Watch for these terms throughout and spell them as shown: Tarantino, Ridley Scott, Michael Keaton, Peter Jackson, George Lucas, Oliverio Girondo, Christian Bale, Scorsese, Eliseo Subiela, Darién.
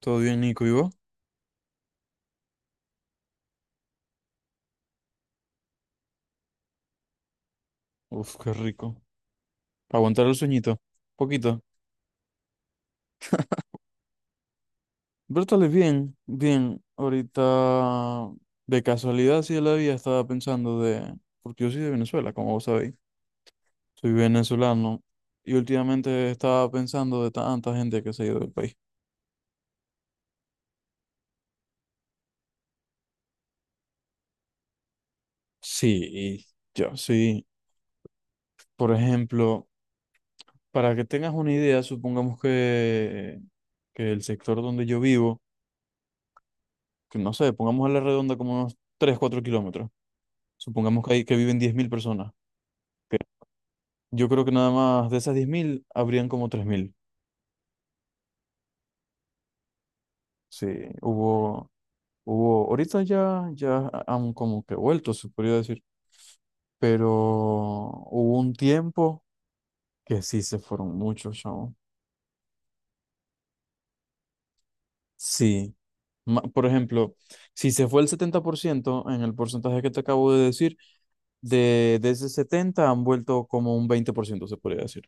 Todo bien, Nico, ¿y vos? Uf, qué rico. Para aguantar el sueñito. Poquito. Pero estale bien, bien. Ahorita, de casualidad, sí de la vida estaba pensando de... Porque yo soy de Venezuela, como vos sabéis. Soy venezolano. Y últimamente estaba pensando de tanta gente que se ha ido del país. Sí, y yo, sí. Por ejemplo, para que tengas una idea, supongamos que el sector donde yo vivo, que no sé, pongamos a la redonda como unos 3 4 kilómetros. Supongamos que, hay, que viven 10.000 personas. que Yo creo que nada más de esas 10.000 habrían como 3.000. Sí, hubo, hubo, ahorita ya, ya han como que vuelto, se podría decir, pero hubo un tiempo que sí se fueron muchos, chavo. Sí, por ejemplo, si se fue el 70% en el porcentaje que te acabo de decir, de ese 70 han vuelto como un 20%, se podría decir.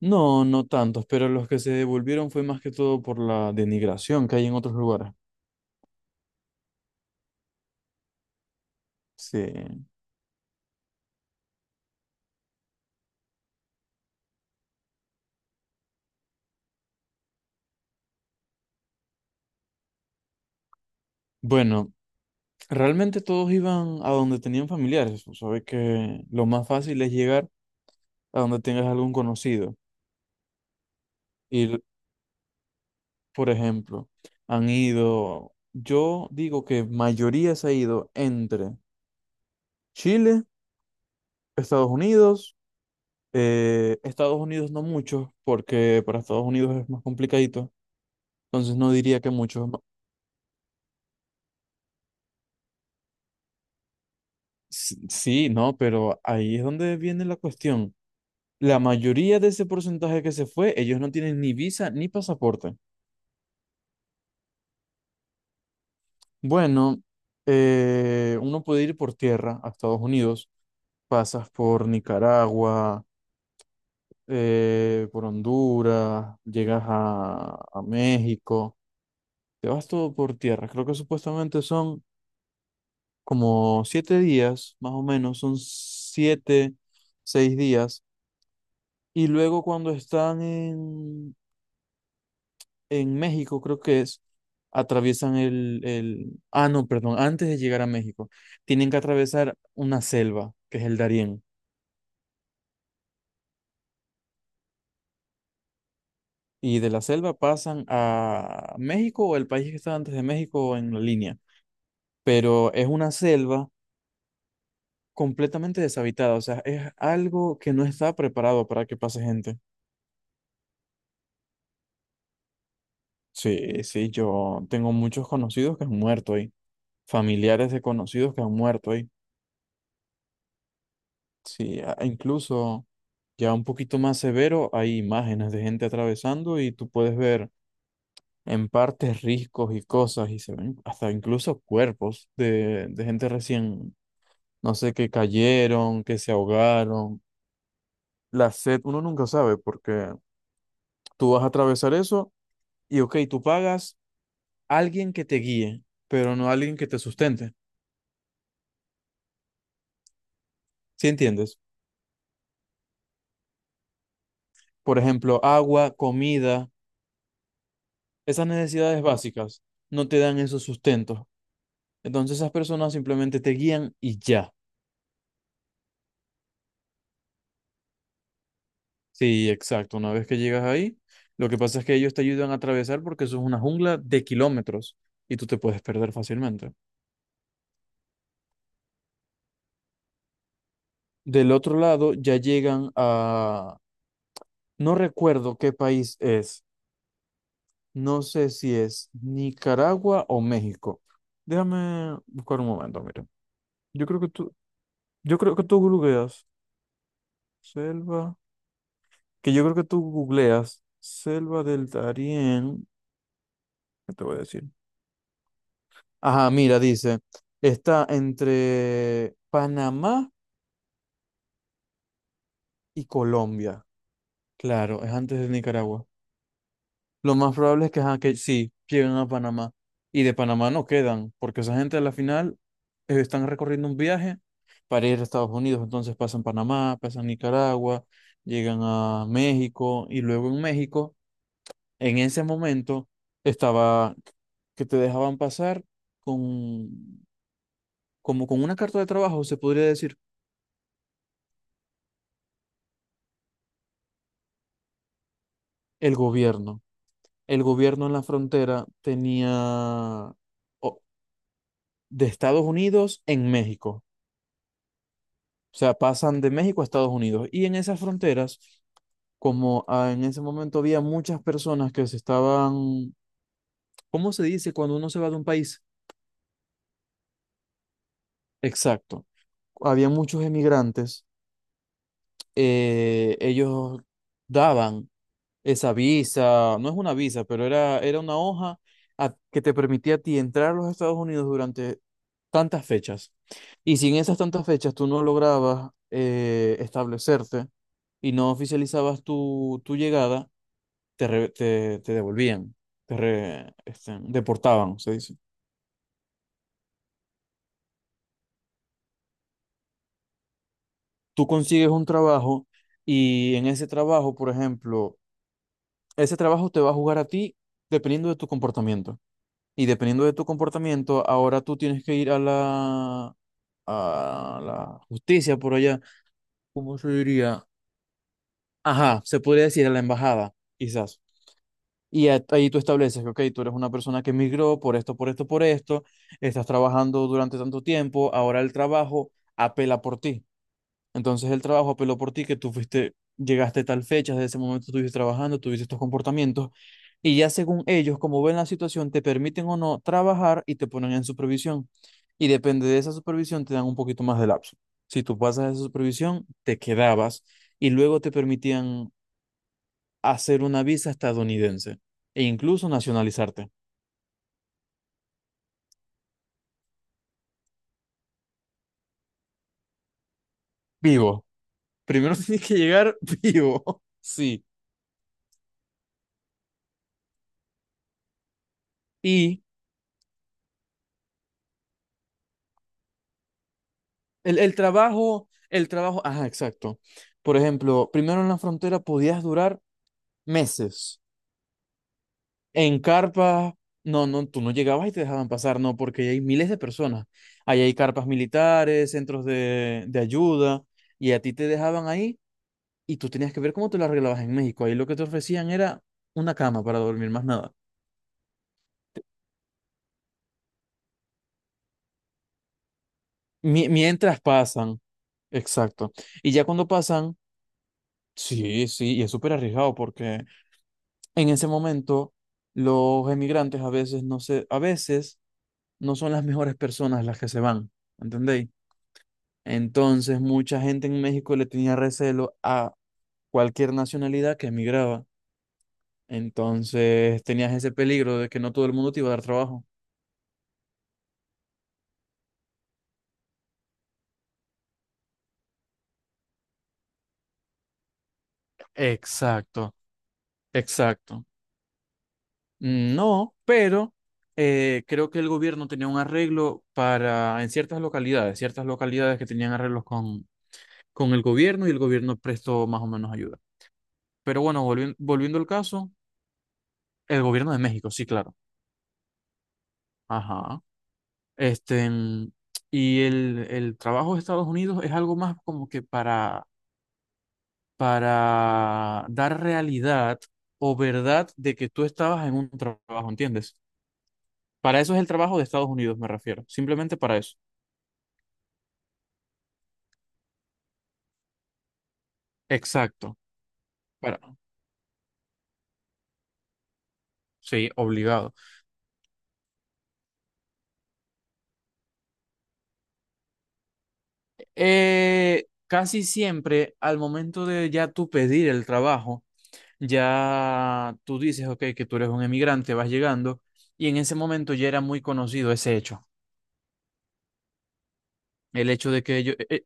No, no tantos, pero los que se devolvieron fue más que todo por la denigración que hay en otros lugares. Sí. Bueno, realmente todos iban a donde tenían familiares. Sabes que lo más fácil es llegar a donde tengas algún conocido. Y, por ejemplo, han ido, yo digo que mayoría se ha ido entre Chile, Estados Unidos, Estados Unidos no muchos, porque para Estados Unidos es más complicadito. Entonces no diría que muchos. Sí, no, pero ahí es donde viene la cuestión. La mayoría de ese porcentaje que se fue, ellos no tienen ni visa ni pasaporte. Bueno, uno puede ir por tierra a Estados Unidos, pasas por Nicaragua, por Honduras, llegas a México, te vas todo por tierra. Creo que supuestamente son como 7 días, más o menos, son 7, 6 días. Y luego cuando están en México, creo que es, atraviesan el... Ah, no, perdón, antes de llegar a México, tienen que atravesar una selva, que es el Darién. Y de la selva pasan a México o el país que está antes de México en la línea. Pero es una selva completamente deshabitada, o sea, es algo que no está preparado para que pase gente. Sí, sí, yo tengo muchos conocidos que han muerto ahí, familiares de conocidos que han muerto ahí. Sí, e incluso ya un poquito más severo, hay imágenes de gente atravesando y tú puedes ver en partes riscos y cosas y se ven hasta incluso cuerpos de gente recién, no sé, que cayeron, que se ahogaron. La sed, uno nunca sabe porque tú vas a atravesar eso y ok, tú pagas a alguien que te guíe, pero no a alguien que te sustente. ¿Sí entiendes? Por ejemplo, agua, comida, esas necesidades básicas no te dan esos sustentos. Entonces esas personas simplemente te guían y ya. Sí, exacto. Una vez que llegas ahí, lo que pasa es que ellos te ayudan a atravesar porque eso es una jungla de kilómetros y tú te puedes perder fácilmente. Del otro lado ya llegan a... No recuerdo qué país es. No sé si es Nicaragua o México. Déjame buscar un momento, mira. Yo creo que tú, yo creo que tú googleas selva, que yo creo que tú googleas selva del Darién, ¿qué te voy a decir? Ajá, mira, dice, está entre Panamá y Colombia. Claro, es antes de Nicaragua. Lo más probable es que, ajá, que sí, lleguen a Panamá. Y de Panamá no quedan, porque esa gente a la final están recorriendo un viaje para ir a Estados Unidos. Entonces pasan Panamá, pasan Nicaragua, llegan a México y luego en México, en ese momento, estaba que te dejaban pasar con, como con una carta de trabajo, se podría decir, el gobierno. El gobierno en la frontera tenía o- de Estados Unidos en México. O sea, pasan de México a Estados Unidos. Y en esas fronteras, como ah, en ese momento había muchas personas que se estaban, ¿cómo se dice cuando uno se va de un país? Exacto. Había muchos emigrantes. Ellos daban esa visa, no es una visa, pero era, era una hoja que te permitía a ti entrar a los Estados Unidos durante tantas fechas. Y si en esas tantas fechas tú no lograbas establecerte y no oficializabas tu, tu llegada, te, te, te devolvían, te este, deportaban, se dice. Tú consigues un trabajo y en ese trabajo, por ejemplo, ese trabajo te va a jugar a ti dependiendo de tu comportamiento. Y dependiendo de tu comportamiento, ahora tú tienes que ir a la justicia por allá, ¿cómo se diría? Ajá, se podría decir a la embajada, quizás. Ahí tú estableces que, ok, tú eres una persona que emigró por esto, por esto, por esto, estás trabajando durante tanto tiempo, ahora el trabajo apela por ti. Entonces el trabajo apeló por ti, que tú fuiste, llegaste tal fecha, desde ese momento estuviste trabajando, tuviste estos comportamientos, y ya según ellos, como ven la situación, te permiten o no trabajar y te ponen en supervisión. Y depende de esa supervisión, te dan un poquito más de lapso. Si tú pasas esa supervisión, te quedabas y luego te permitían hacer una visa estadounidense e incluso nacionalizarte vivo. Primero tienes que llegar vivo, sí. Y el trabajo, el trabajo, ajá, exacto. Por ejemplo, primero en la frontera podías durar meses. En carpas, no, no, tú no llegabas y te dejaban pasar, no, porque ahí hay miles de personas. Ahí hay carpas militares, centros de ayuda, y a ti te dejaban ahí y tú tenías que ver cómo te lo arreglabas en México. Ahí lo que te ofrecían era una cama para dormir, más nada. Mientras pasan, exacto. Y ya cuando pasan, sí, sí, y es súper arriesgado porque en ese momento los emigrantes a veces no se, a veces no son las mejores personas las que se van, ¿entendéis? Entonces mucha gente en México le tenía recelo a cualquier nacionalidad que emigraba. Entonces tenías ese peligro de que no todo el mundo te iba a dar trabajo. Exacto, exacto. No, pero creo que el gobierno tenía un arreglo para en ciertas localidades que tenían arreglos con el gobierno y el gobierno prestó más o menos ayuda. Pero bueno, volviendo al caso, el gobierno de México, sí, claro. Ajá. Este, y el trabajo de Estados Unidos es algo más como que para dar realidad o verdad de que tú estabas en un trabajo, ¿entiendes? Para eso es el trabajo de Estados Unidos, me refiero, simplemente para eso. Exacto. Bueno, sí, obligado. Casi siempre al momento de ya tú pedir el trabajo, ya tú dices, ok, que tú eres un emigrante, vas llegando, y en ese momento ya era muy conocido ese hecho. El hecho de que ellos...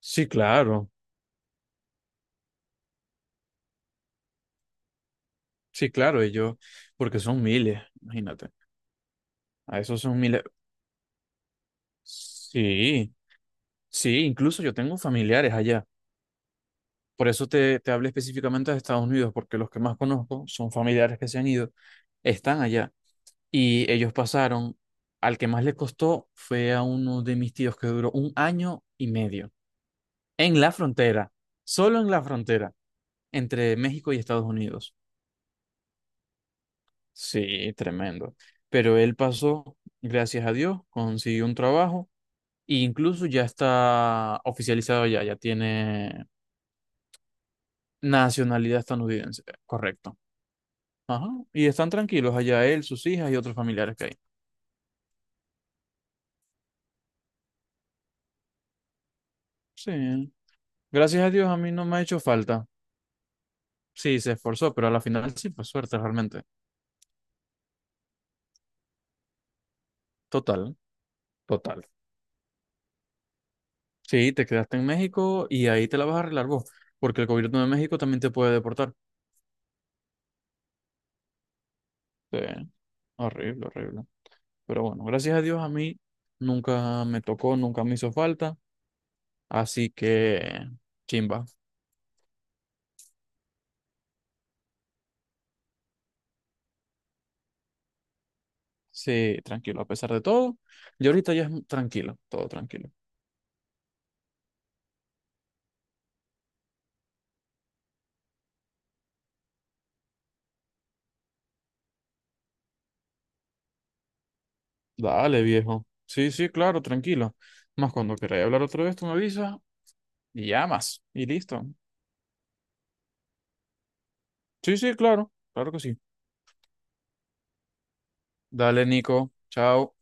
sí, claro, sí, claro, ellos, porque son miles, imagínate. A esos son miles. Sí, sí, incluso yo tengo familiares allá. Por eso te, te hablé específicamente de Estados Unidos, porque los que más conozco son familiares que se han ido, están allá. Y ellos pasaron, al que más le costó fue a uno de mis tíos que duró 1 año y medio en la frontera, solo en la frontera, entre México y Estados Unidos. Sí, tremendo. Pero él pasó, gracias a Dios, consiguió un trabajo e incluso ya está oficializado ya, ya tiene nacionalidad estadounidense, correcto. Ajá. Y están tranquilos allá él, sus hijas y otros familiares que hay. Sí. Gracias a Dios a mí no me ha hecho falta. Sí, se esforzó, pero a la final sí fue suerte realmente. Total, total. Sí, te quedaste en México y ahí te la vas a arreglar vos, porque el gobierno de México también te puede deportar. Sí, horrible, horrible. Pero bueno, gracias a Dios a mí nunca me tocó, nunca me hizo falta, así que chimba. Sí, tranquilo, a pesar de todo. Y ahorita ya es tranquilo, todo tranquilo. Dale, viejo. Sí, sí, claro, tranquilo. Más cuando queráis hablar otra vez, tú me avisas y llamas y listo. Sí, sí, claro, claro que sí. Dale, Nico. Chao.